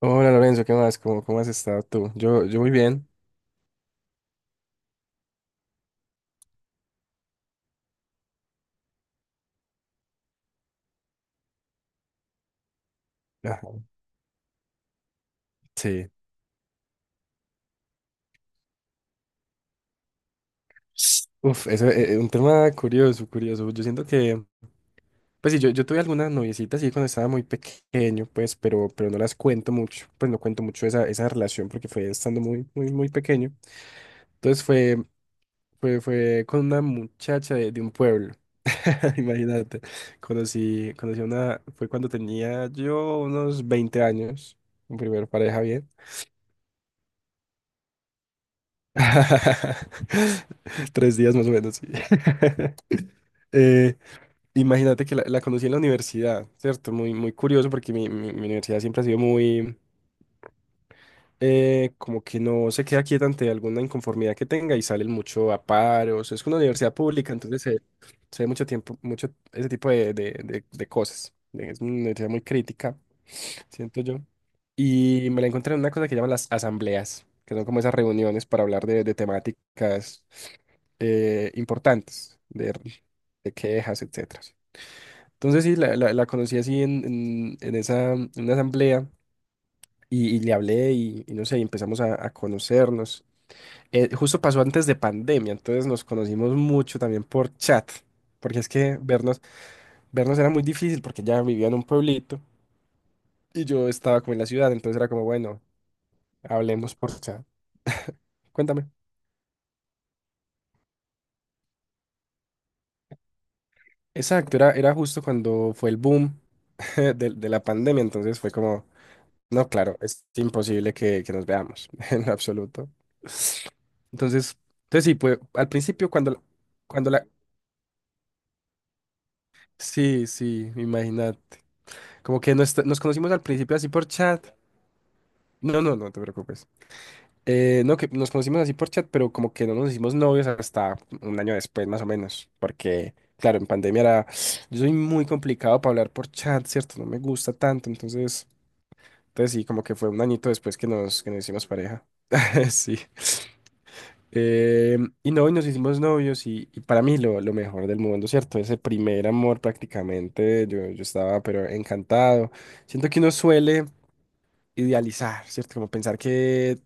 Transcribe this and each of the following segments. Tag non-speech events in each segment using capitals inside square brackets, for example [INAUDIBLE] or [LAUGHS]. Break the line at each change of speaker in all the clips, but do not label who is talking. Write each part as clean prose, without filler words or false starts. Hola Lorenzo, ¿qué más? ¿Cómo has estado tú? Yo muy bien. Ajá, sí. Uf, eso es un tema curioso, curioso. Yo siento que, pues sí, yo tuve algunas noviecitas sí cuando estaba muy pequeño, pues, pero no las cuento mucho, pues no cuento mucho esa relación porque fue estando muy, muy, muy pequeño. Entonces fue con una muchacha de un pueblo, [LAUGHS] imagínate. Conocí a una, fue cuando tenía yo unos 20 años, mi primer pareja bien. [LAUGHS] 3 días más o menos, sí. [LAUGHS] Eh, Imagínate que la conocí en la universidad, ¿cierto? Muy, muy curioso porque mi universidad siempre ha sido muy, como que no se queda quieta ante alguna inconformidad que tenga y salen mucho a paros. Es una universidad pública, entonces se ve mucho tiempo, mucho ese tipo de cosas. Es una universidad muy crítica siento yo. Y me la encontré en una cosa que llaman las asambleas, que son como esas reuniones para hablar de temáticas importantes, de quejas, etcétera. Entonces sí, la conocí así en esa, en una asamblea y le hablé y no sé, y empezamos a conocernos. Justo pasó antes de pandemia, entonces nos conocimos mucho también por chat, porque es que vernos era muy difícil porque ella vivía en un pueblito y yo estaba como en la ciudad, entonces era como, bueno, hablemos por chat. Cuéntame. Exacto, era justo cuando fue el boom [LAUGHS] de la pandemia, entonces fue como, no, claro, es imposible que nos veamos [LAUGHS] en absoluto. Entonces, entonces sí, pues al principio cuando la. Sí, sí, imagínate. Como que nos conocimos al principio así por chat. No, no, no te preocupes. No, que nos conocimos así por chat, pero como que no nos hicimos novios hasta un año después, más o menos. Porque, claro, en pandemia era. Yo soy muy complicado para hablar por chat, ¿cierto? No me gusta tanto. Entonces sí, como que fue un añito después que nos hicimos pareja. [LAUGHS] Sí. Eh, y no, y nos hicimos novios. Y para mí, lo mejor del mundo, ¿cierto? Ese primer amor prácticamente. Yo estaba, pero encantado. Siento que uno suele idealizar, ¿cierto? Como pensar que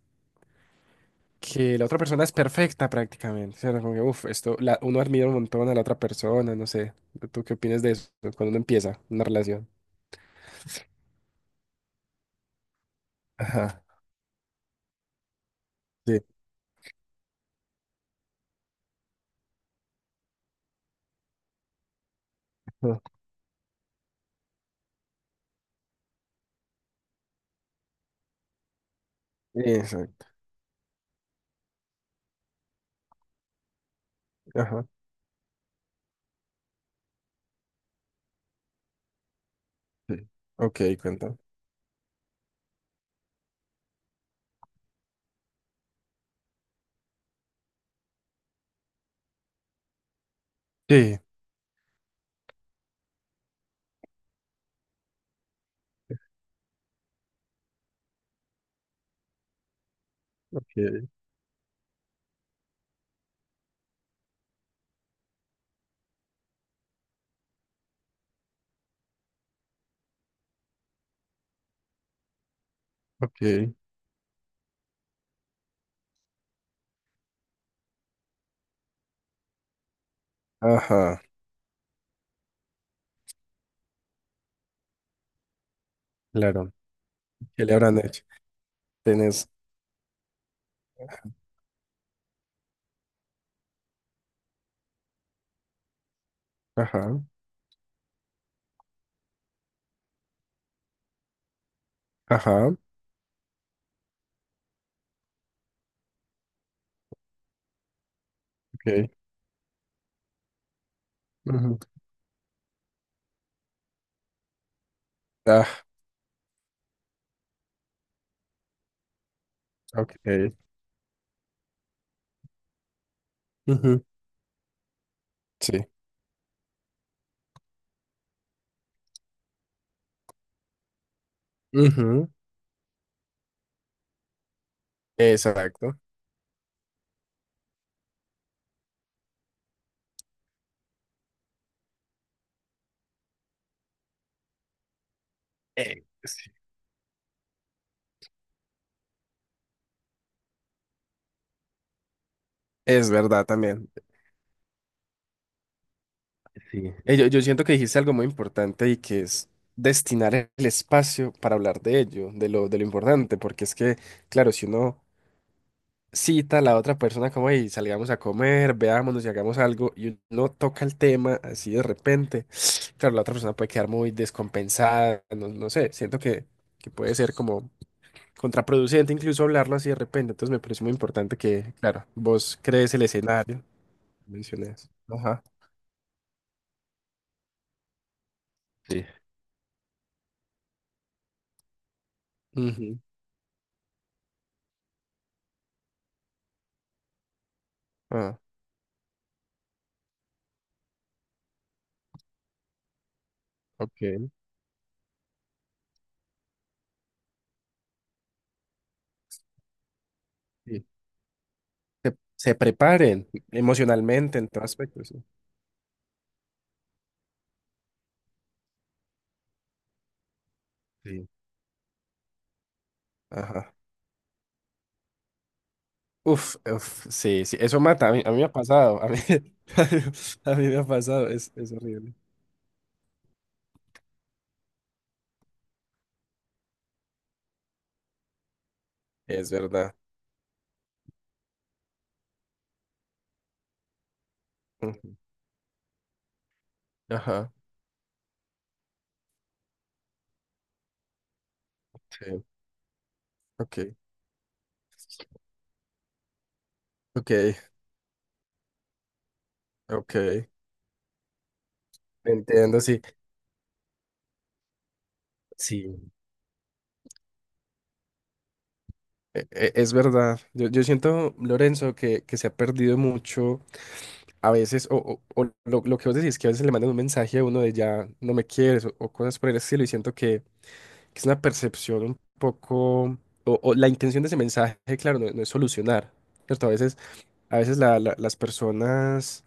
que la otra persona es perfecta prácticamente. O sea, no, como que, esto, la, uno admira un montón a la otra persona, no sé. ¿Tú qué opinas de eso cuando uno empieza una relación? Ajá. Sí. Ah, exacto. Ajá. Sí. Ok, cuenta. Sí. Ok, ok. Ajá. Claro. ¿Qué le habrán hecho? Tienes. Ajá. Ajá. Ok. Ujú. Ah, ok. Ujú. Sí. Ujú. Exacto. Sí. Es verdad también. Sí. Yo siento que dijiste algo muy importante y que es destinar el espacio para hablar de ello, de lo importante, porque es que, claro, si uno cita a la otra persona como, hey, salgamos a comer, veámonos y hagamos algo, y uno toca el tema así de repente, [SNIFFS] claro, la otra persona puede quedar muy descompensada, no, no sé, siento que puede ser como contraproducente incluso hablarlo así de repente, entonces me parece muy importante que, claro, vos crees el escenario, mencionas. Ajá. Sí. Ujú. Ah, ok. Sí. Se preparen emocionalmente en todo aspecto, sí. Sí. Ajá. Uf, uf, sí, sí, eso mata, a mí me ha pasado, a mí, [LAUGHS] a mí me ha pasado, es horrible. Es verdad. Ujú. Ajá, sí, ok, ok, ok, entiendo, sí, sí, es verdad. Yo siento, Lorenzo, que se ha perdido mucho a veces, o lo que vos decís, que a veces le mandan un mensaje a uno de ya no me quieres, o cosas por el estilo, y siento que. Es una percepción un poco, o la intención de ese mensaje, claro, no es solucionar, ¿cierto? A veces las personas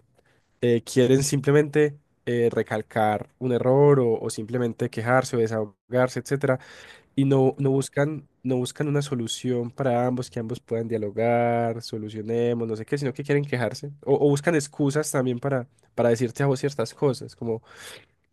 quieren simplemente recalcar un error o simplemente quejarse o desahogarse, etcétera, y no buscan una solución para ambos, que ambos puedan dialogar, solucionemos, no sé qué, sino que quieren quejarse o buscan excusas también para decirte a vos ciertas cosas,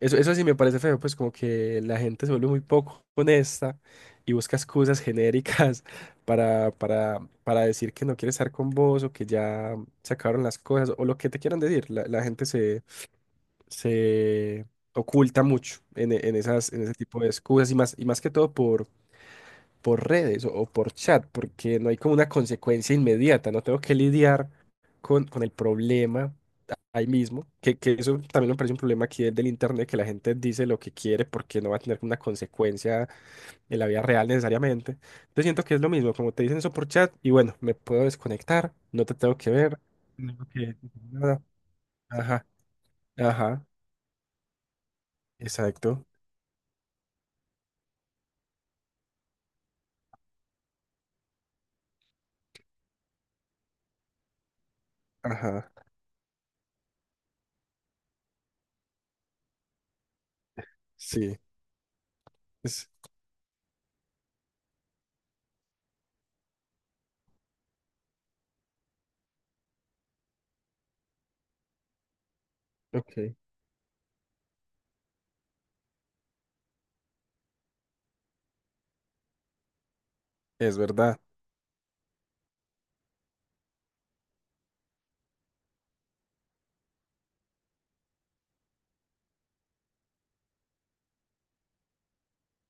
eso sí me parece feo, pues como que la gente se vuelve muy poco honesta y busca excusas genéricas [LAUGHS] para decir que no quiere estar con vos o que ya se acabaron las cosas o lo que te quieran decir. La gente se oculta mucho en esas, en ese tipo de excusas y más, que todo por redes o por chat, porque no hay como una consecuencia inmediata, no tengo que lidiar con el problema ahí mismo, que eso también me parece un problema aquí del internet, que la gente dice lo que quiere porque no va a tener una consecuencia en la vida real necesariamente. Yo siento que es lo mismo, como te dicen eso por chat, y bueno, me puedo desconectar, no te tengo que ver, no tengo que decir nada. Ajá, ajá, exacto, ajá, sí, es, ok, es verdad,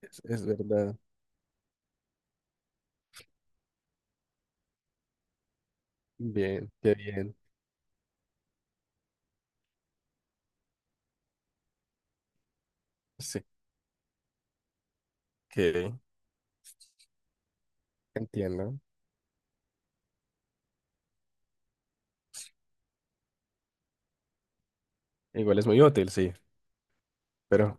es verdad, bien, qué bien, sí, que entiendo, igual es muy útil, sí, pero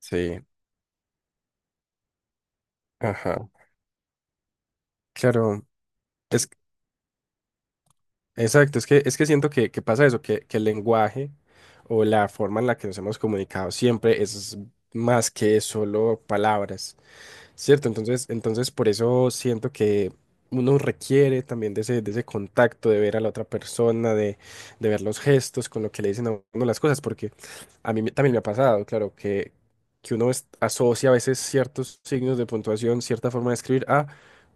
sí, ajá, claro. Es Exacto, es que siento que pasa eso, que el lenguaje o la forma en la que nos hemos comunicado siempre es más que solo palabras. Cierto, entonces por eso siento que uno requiere también de ese contacto, de, ver a la otra persona, de ver los gestos con lo que le dicen a uno las cosas, porque a mí también me ha pasado, claro, que uno asocia a veces ciertos signos de puntuación, cierta forma de escribir a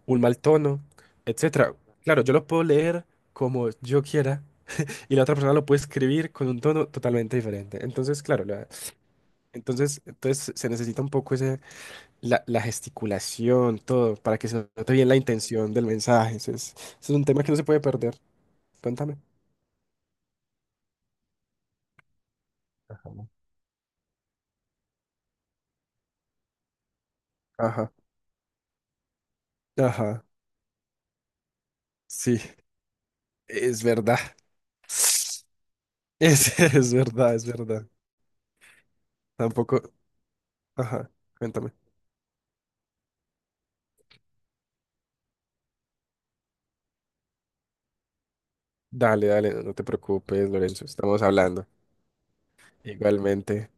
un mal tono, etcétera. Claro, yo lo puedo leer como yo quiera [LAUGHS] y la otra persona lo puede escribir con un tono totalmente diferente. Entonces, claro, entonces se necesita un poco la gesticulación, todo, para que se note bien la intención del mensaje. Eso es un tema que no se puede perder. Cuéntame. Ajá, ajá, sí, es verdad. Es, [LAUGHS] es verdad, es verdad. Tampoco, ajá, cuéntame. Dale, dale, no, no te preocupes, Lorenzo, estamos hablando. Igualmente.